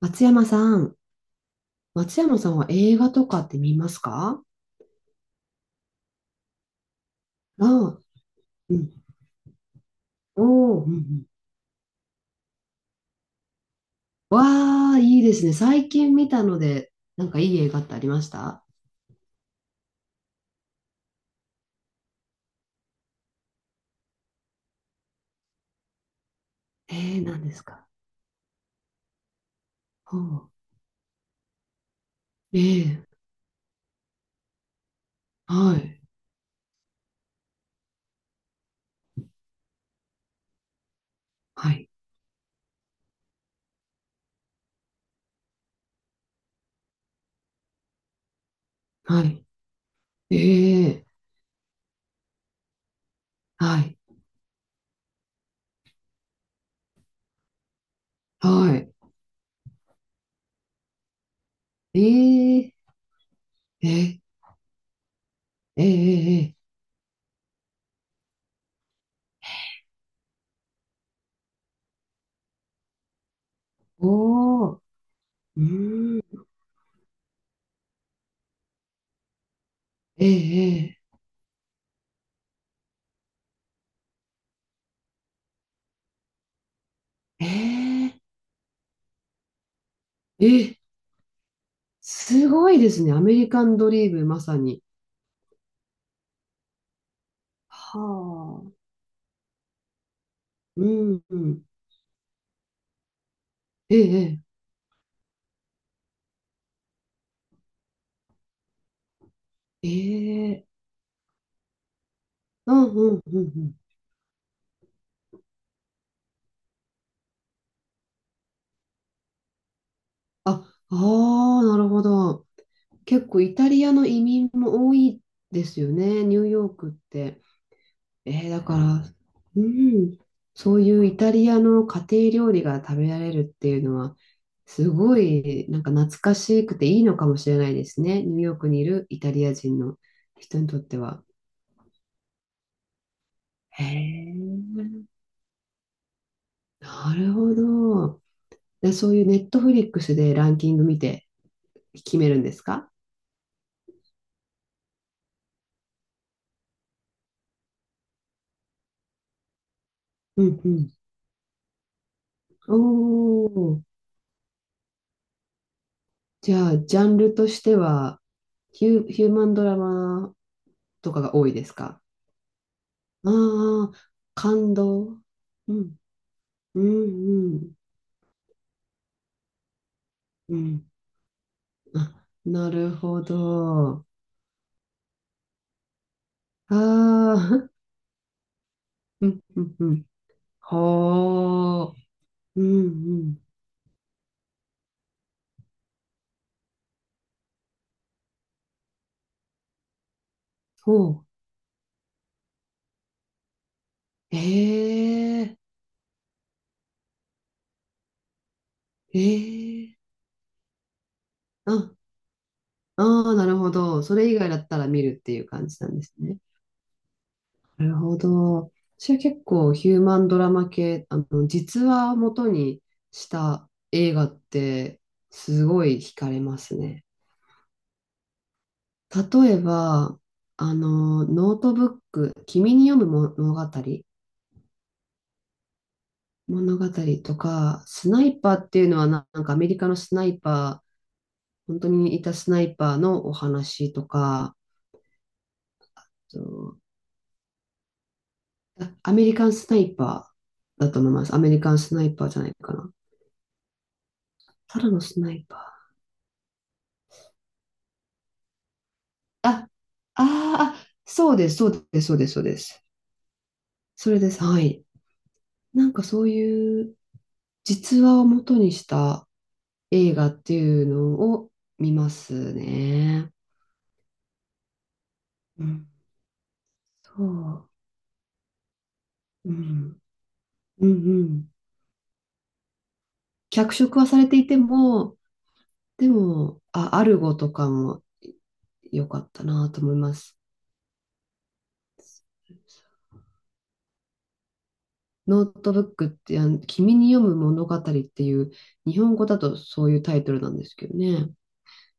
松山さん、松山さんは映画とかって見ますか？ああ、うん。おお、うんうん。わあ、いいですね。最近見たので、なんかいい映画ってありました？ええー、何ですか？ほう。ええはい、はい、はい。ええはい、はい。ええええええええおお、うーん、えええええええすごいですね。アメリカンドリーム、まさに。はあ。うん。うんええ、ええ、ええうんうんうんうん。あ、ああ、なるほど。結構イタリアの移民も多いですよね、ニューヨークって。ええ、だから、うん、そういうイタリアの家庭料理が食べられるっていうのは、すごい、なんか懐かしくていいのかもしれないですね、ニューヨークにいるイタリア人の人にとっては。へえ、なるほど。で、そういうネットフリックスでランキング見て。決めるんですか？うんうん。おー。じゃあ、ジャンルとしては、ヒューマンドラマとかが多いですか？ああー、感動。うん、うん、うん、うん。あ、なるほど。ああ、うん、うん、うん。ほー。うん、うん。ほう。ええ、ええ。あ、ああ、なるほど。それ以外だったら見るっていう感じなんですね。なるほど。私は結構ヒューマンドラマ系、実話を元にした映画ってすごい惹かれますね。例えば、ノートブック、君に読む物語、物語とか、スナイパーっていうのはなんかアメリカのスナイパー、本当にいたスナイパーのお話とか、そうアメリカンスナイパーだと思います。アメリカンスナイパーじゃないかな。ただのスナイパー。あ、あーあ、そうです、そうです、そうです、そうです。それです、はい。なんかそういう実話を元にした映画っていうのを見ますね。うん、そう。うん、うん、うん。脚色はされていても、でも、あ、アルゴとかも良かったなと思います。ノートブックって君に読む物語っていう、日本語だとそういうタイトルなんですけどね。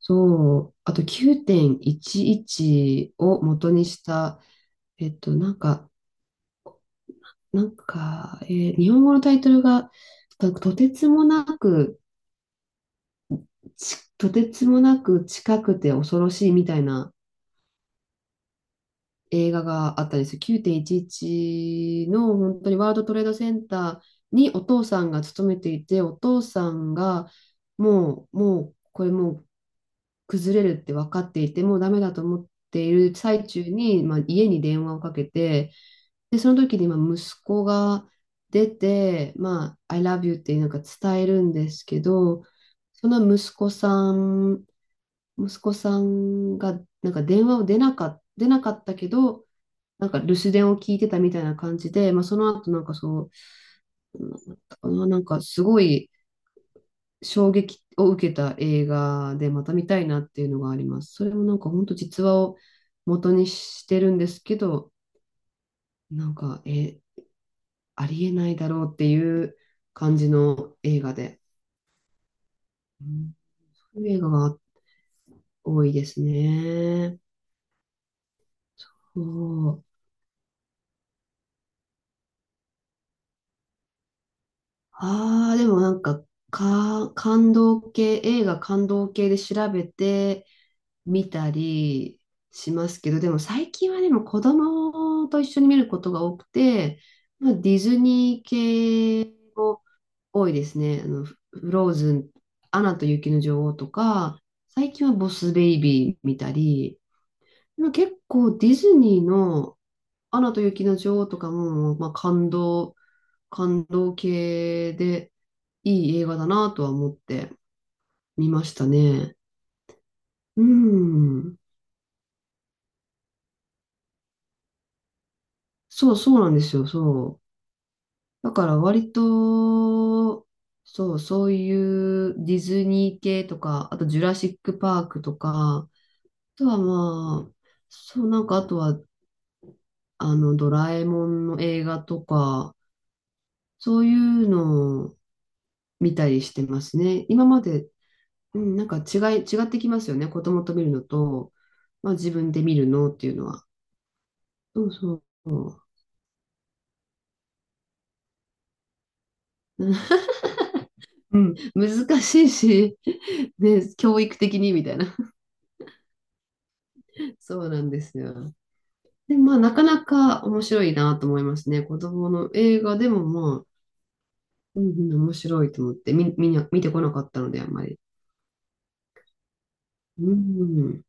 そう、あと9.11を元にした、えっと、なんか、なんか、日本語のタイトルが、とてつもなく、とてつもなく近くて恐ろしいみたいな映画があったんですよ。9.11の本当にワールドトレードセンターにお父さんが勤めていて、お父さんがもう、これもう崩れるって分かっていて、もうダメだと思っている最中に、まあ、家に電話をかけて、で、その時にまあ息子が出て、まあ、I love you ってなんか伝えるんですけど、その息子さん、息子さんがなんか電話を出なかったけど、なんか留守電を聞いてたみたいな感じで、まあ、その後なんかそう、なんなんかすごい、衝撃を受けた映画でまた見たいなっていうのがあります。それもなんか本当実話を元にしてるんですけど、なんか、ありえないだろうっていう感じの映画で。うんそういう映画が多いですね。そうああ、でもなんか、感動系、映画感動系で調べて、見たりしますけど、でも最近は子供と一緒に見ることが多くて、まあ、ディズニー系も多いですね。フローズン、アナと雪の女王とか、最近はボスベイビー見たり、でも結構ディズニーのアナと雪の女王とかも、まあ、感動系でいい映画だなとは思って見ましたね。うん。そうそうなんですよ、そう。だから割と、そう、そういうディズニー系とか、あとジュラシックパークとか、あとはまあ、そう、なんかあとは、ドラえもんの映画とか、そういうのを見たりしてますね。今まで、うん、違ってきますよね。子供と見るのと、まあ自分で見るのっていうのは。そうそう。うん、難しいし、ね、教育的にみたいな。そうなんですよ。で、まあ、なかなか面白いなと思いますね。子供の映画でもまあ、うんうん、面白いと思って、みんな見てこなかったので、あんまり。うん、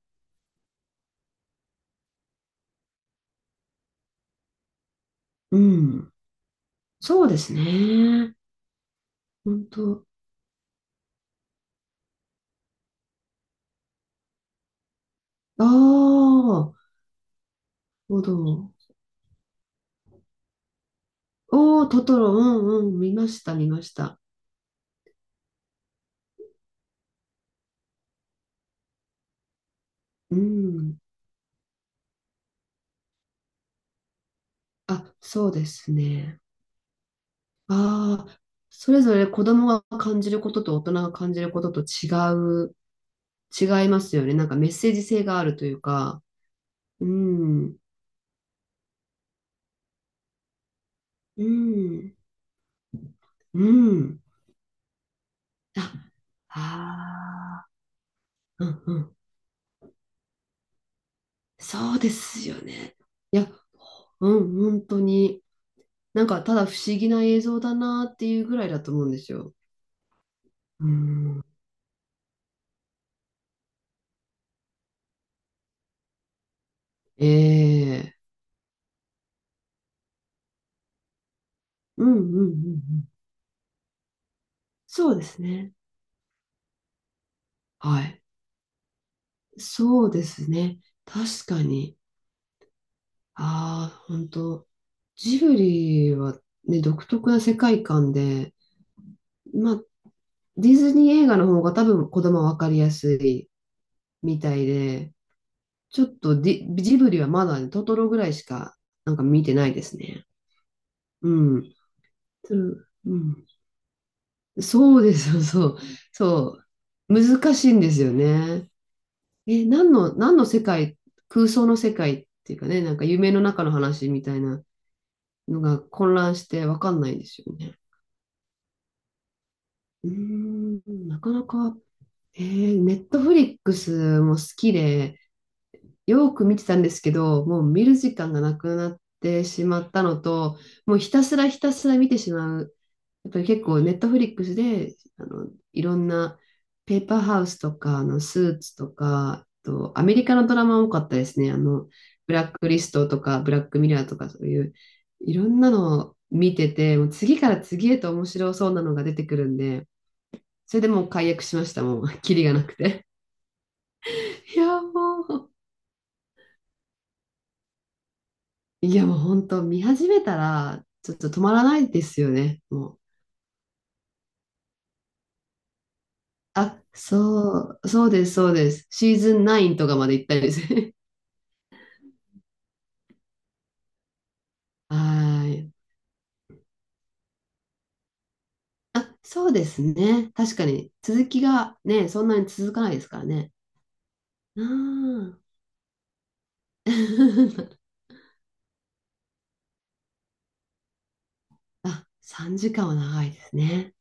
うん。そうですね。本当。ああ、なるほど。おー、トトロ、うんうん、見ました、見ました。うん。あ、そうですね。ああ、それぞれ子供が感じることと大人が感じることとう、違いますよね。なんかメッセージ性があるというか、うん。うん、うん。あ、ああ、うんうん。そうですよね。いや、うん、本当に。なんか、ただ不思議な映像だなっていうぐらいだと思うんですよ。うん。ええうんうんうんうん。そうですね。はい。そうですね。確かに。ああ、本当。ジブリはね、独特な世界観で、まあ、ディズニー映画の方が多分子供は分かりやすいみたいで、ちょっとディ、ジブリはまだね、トトロぐらいしかなんか見てないですね。うん。うん。そうですよ、そう。そう。難しいんですよね。え、何の世界、空想の世界っていうかね、なんか夢の中の話みたいなのが混乱してわかんないですよね。うーん、なかなか、ネットフリックスも好きで、よく見てたんですけど、もう見る時間がなくなってしまったのと、もうひたすらひたすら見てしまう。やっぱり結構ネットフリックスで、いろんなペーパーハウスとか、スーツとか、あと、アメリカのドラマ多かったですね。ブラックリストとか、ブラックミラーとか、そういう、いろんなのを見てて、もう次から次へと面白そうなのが出てくるんで、それでもう解約しました。もう、キリがなくて。いや、もう。いやもう本当見始めたらちょっと止まらないですよね。もう。あ、そう、そうです、そうです。シーズン9とかまで行ったりですね。はーい。あ、そうですね。確かに続きがね、そんなに続かないですからね。うん。あ、3時間は長いですね。